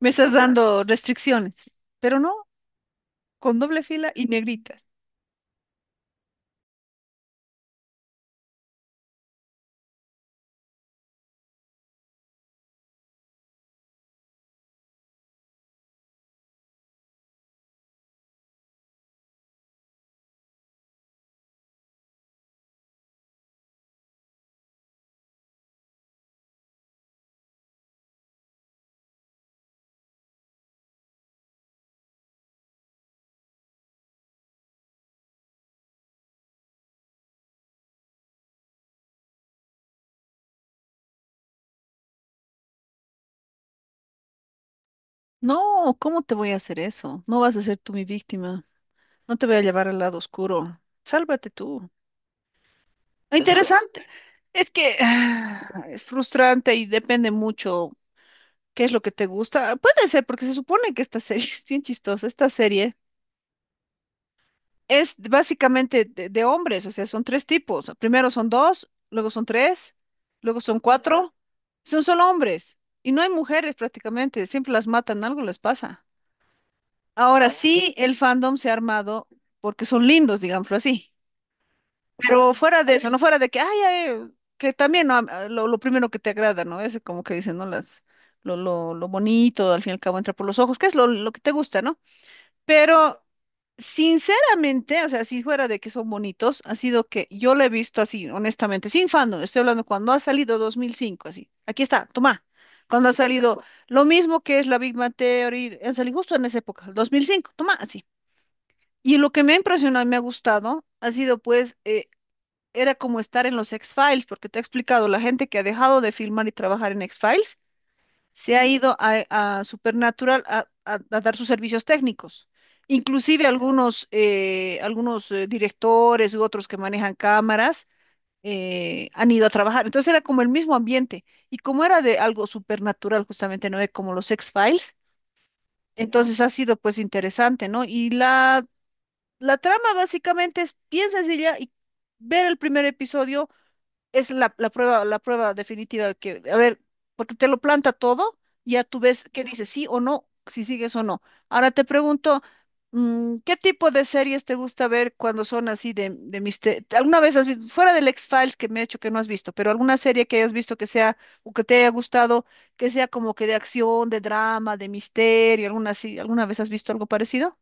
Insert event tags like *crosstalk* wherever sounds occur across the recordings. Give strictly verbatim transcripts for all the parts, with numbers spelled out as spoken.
Me estás dando restricciones, pero no, con doble fila y negrita. No, ¿cómo te voy a hacer eso? No vas a ser tú mi víctima. No te voy a llevar al lado oscuro. Sálvate tú. *laughs* Ah, Interesante. Es que ah, es frustrante y depende mucho qué es lo que te gusta. Puede ser, porque se supone que esta serie *laughs* es bien chistosa. Esta serie es básicamente de, de hombres, o sea, son tres tipos. Primero son dos, luego son tres, luego son cuatro. Son solo hombres. Y no hay mujeres prácticamente, siempre las matan, algo les pasa. Ahora sí, el fandom se ha armado porque son lindos, digámoslo así. Pero fuera de eso, no fuera de que, ay, ay, que también, ¿no? Ah, lo, lo primero que te agrada, ¿no? Es como que dicen, ¿no? Las, lo, lo, lo bonito, al fin y al cabo entra por los ojos, que es lo, lo que te gusta, ¿no? Pero sinceramente, o sea, si fuera de que son bonitos, ha sido que yo lo he visto así, honestamente, sin fandom. Estoy hablando cuando ha salido dos mil cinco, así. Aquí está, toma. Cuando ha salido lo mismo que es la Big Bang Theory, han salido justo en esa época, el dos mil cinco. Toma, así. Y lo que me ha impresionado y me ha gustado ha sido pues, eh, era como estar en los X-Files, porque te he explicado, la gente que ha dejado de filmar y trabajar en X-Files se ha ido a, a Supernatural a, a- a dar sus servicios técnicos. Inclusive algunos, eh, algunos eh, directores u otros que manejan cámaras eh, han ido a trabajar. Entonces era como el mismo ambiente. Y como era de algo supernatural, justamente, ¿no? Eh, Como los X-Files, entonces ha sido pues interesante, ¿no? Y la, la trama básicamente es bien sencilla y ver el primer episodio es la, la prueba, la prueba definitiva que, a ver, porque te lo planta todo, ya tú ves qué dice sí o no, si sigues o no. Ahora te pregunto, mm, ¿qué tipo de series te gusta ver cuando son así de, de misterio? ¿Alguna vez has visto, fuera del X-Files que me he hecho que no has visto, pero alguna serie que hayas visto que sea, o que te haya gustado, que sea como que de acción, de drama, de misterio, alguna así, alguna vez has visto algo parecido?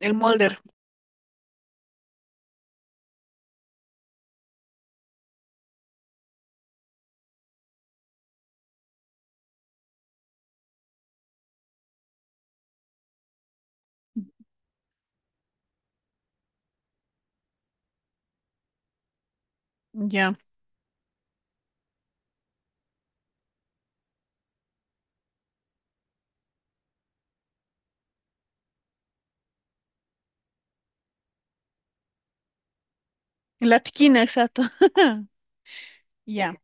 El Mulder, ya. La tiquina, exacto. *laughs* Ya.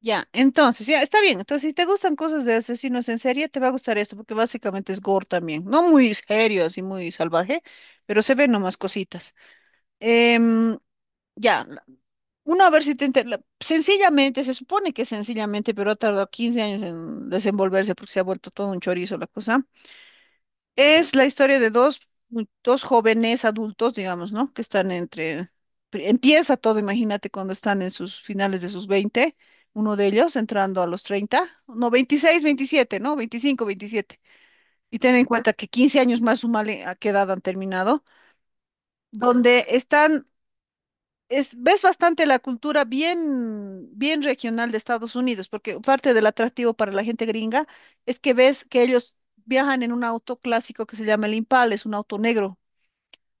Ya, entonces, ya, está bien. Entonces, si te gustan cosas de asesinos en serie, te va a gustar esto, porque básicamente es gore también. No muy serio, así muy salvaje, pero se ven nomás cositas. Em, ya, la- uno a ver si te... enter- la- Sencillamente, se supone que sencillamente, pero ha tardado quince años en desenvolverse porque se ha vuelto todo un chorizo la cosa. Es la historia de dos, mu- dos jóvenes adultos, digamos, ¿no? Que están entre... pri- Empieza todo, imagínate, cuando están en sus finales de sus veinte, uno de ellos entrando a los treinta, no, veintiséis, veintisiete, ¿no? Veinticinco, veintisiete. Y ten en cuenta que quince años más, sumale a qué edad han terminado, donde están... Es, ves bastante la cultura bien, bien regional de Estados Unidos, porque parte del atractivo para la gente gringa es que ves que ellos viajan en un auto clásico que se llama el Impala, es un auto negro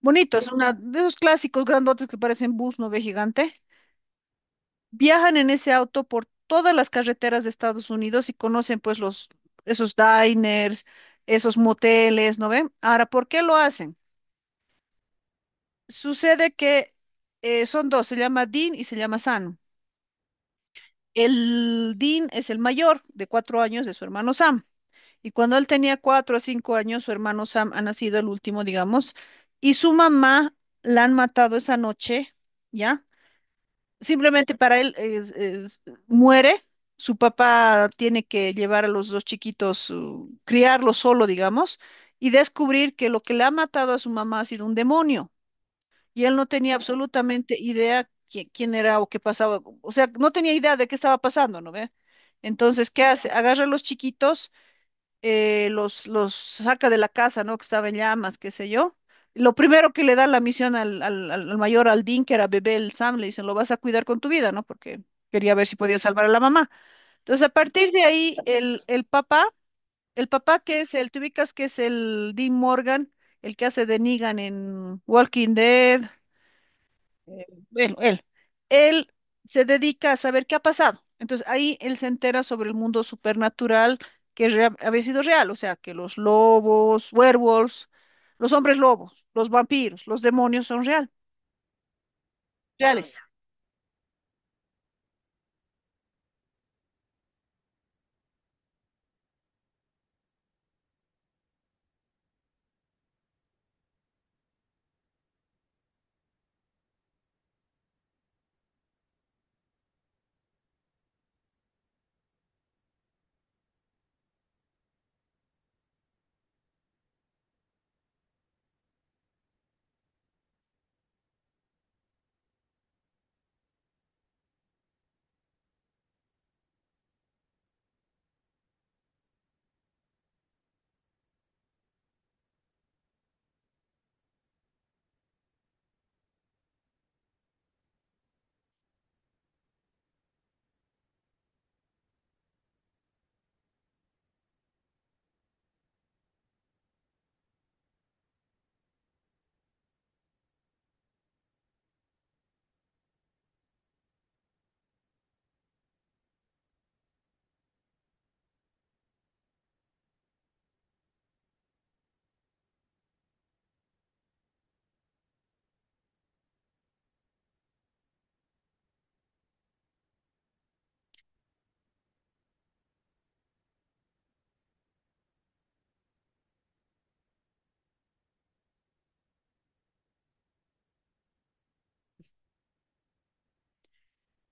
bonito, es una de esos clásicos grandotes que parecen bus, ¿no ve gigante? Viajan en ese auto por todas las carreteras de Estados Unidos y conocen pues los esos diners, esos moteles, ¿no ven? Ahora, ¿por qué lo hacen? Sucede que eh, son dos, se llama Dean y se llama Sam. El Dean es el mayor de cuatro años de su hermano Sam. Y cuando él tenía cuatro o cinco años, su hermano Sam ha nacido el último, digamos, y su mamá la han matado esa noche, ¿ya? Simplemente para él es- es- muere, su papá tiene que llevar a los dos chiquitos, uh, criarlos solo, digamos, y descubrir que lo que le ha matado a su mamá ha sido un demonio. Y él no tenía absolutamente idea qui- quién era o qué pasaba, o sea, no tenía idea de qué estaba pasando, ¿no ve? Entonces, ¿qué hace? Agarra a los chiquitos, eh, los, los saca de la casa, ¿no? Que estaba en llamas, qué sé yo. Lo primero que le da la misión al, al, al- al mayor, al Dean, que era bebé, el Sam, le dicen, lo vas a cuidar con tu vida, ¿no? Porque quería ver si podía salvar a la mamá. Entonces, a partir de ahí, el, el papá, el papá que es el, te ubicas que es el Dean Morgan, el que hace de Negan en Walking Dead, eh, bueno, él, él se dedica a saber qué ha pasado. Entonces ahí él se entera sobre el mundo supernatural que rea- había sido real, o sea, que los lobos, werewolves, los hombres lobos, los vampiros, los demonios son real, reales.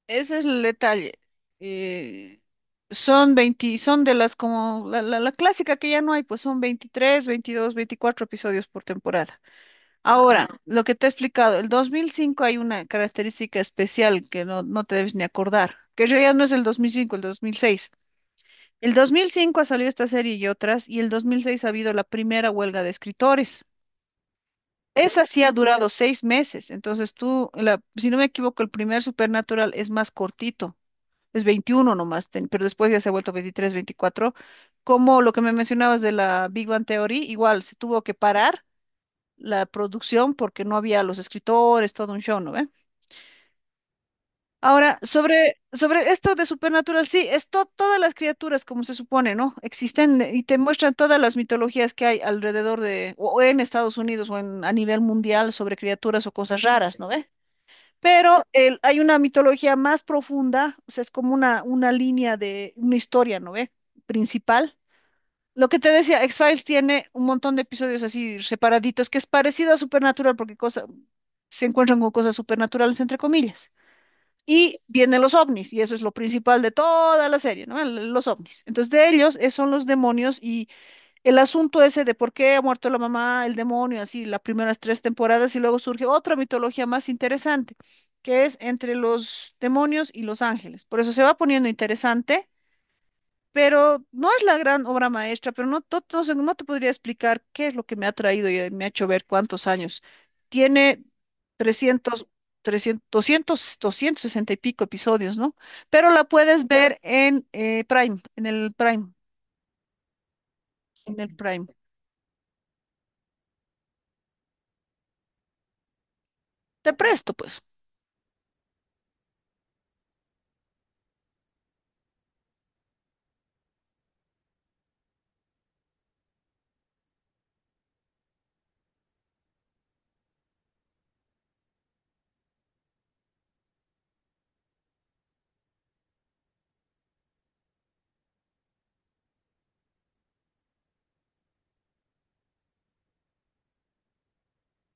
Ese es el detalle. Eh, Son veinte, son de las como la, la la clásica que ya no hay, pues son veintitrés, veintidós, veinticuatro episodios por temporada. Ahora, lo que te he explicado, el dos mil cinco hay una característica especial que no, no te debes ni acordar, que en realidad no es el dos mil cinco, el dos mil seis. El dos mil cinco ha salido esta serie y otras, y el dos mil seis ha habido la primera huelga de escritores. Esa sí ha durado seis meses, entonces tú, la- si no me equivoco, el primer Supernatural es más cortito, es veintiuno nomás, ten- pero después ya se ha vuelto veintitrés, veinticuatro. Como lo que me mencionabas de la Big Bang Theory, igual se tuvo que parar la producción porque no había los escritores, todo un show, ¿no ve? Ahora, sobre, sobre esto de Supernatural, sí, es to- todas las criaturas, como se supone, ¿no? Existen, eh, y te muestran todas las mitologías que hay alrededor de, o o en Estados Unidos o en, a nivel mundial sobre criaturas o cosas raras, ¿no ve? Pero el- hay una mitología más profunda, o sea, es como una, una línea de, una historia, ¿no ve? Principal lo que te decía, X-Files tiene un montón de episodios así separaditos, que es parecido a Supernatural, porque cosa, se encuentran con cosas supernaturales, entre comillas. Y vienen los ovnis, y eso es lo principal de toda la serie, ¿no? El- Los ovnis. Entonces, de ellos eh, son los demonios y el asunto ese de por qué ha muerto la mamá, el demonio, así, las primeras tres temporadas, y luego surge otra mitología más interesante, que es entre los demonios y los ángeles. Por eso se va poniendo interesante, pero no es la gran obra maestra, pero no, to- no sé, no te podría explicar qué es lo que me ha traído y eh, me ha hecho ver cuántos años. Tiene trescientos trescientos doscientos doscientos sesenta y pico episodios, ¿no? Pero la puedes ver en eh, Prime, en el Prime, en el Prime. Te presto, pues.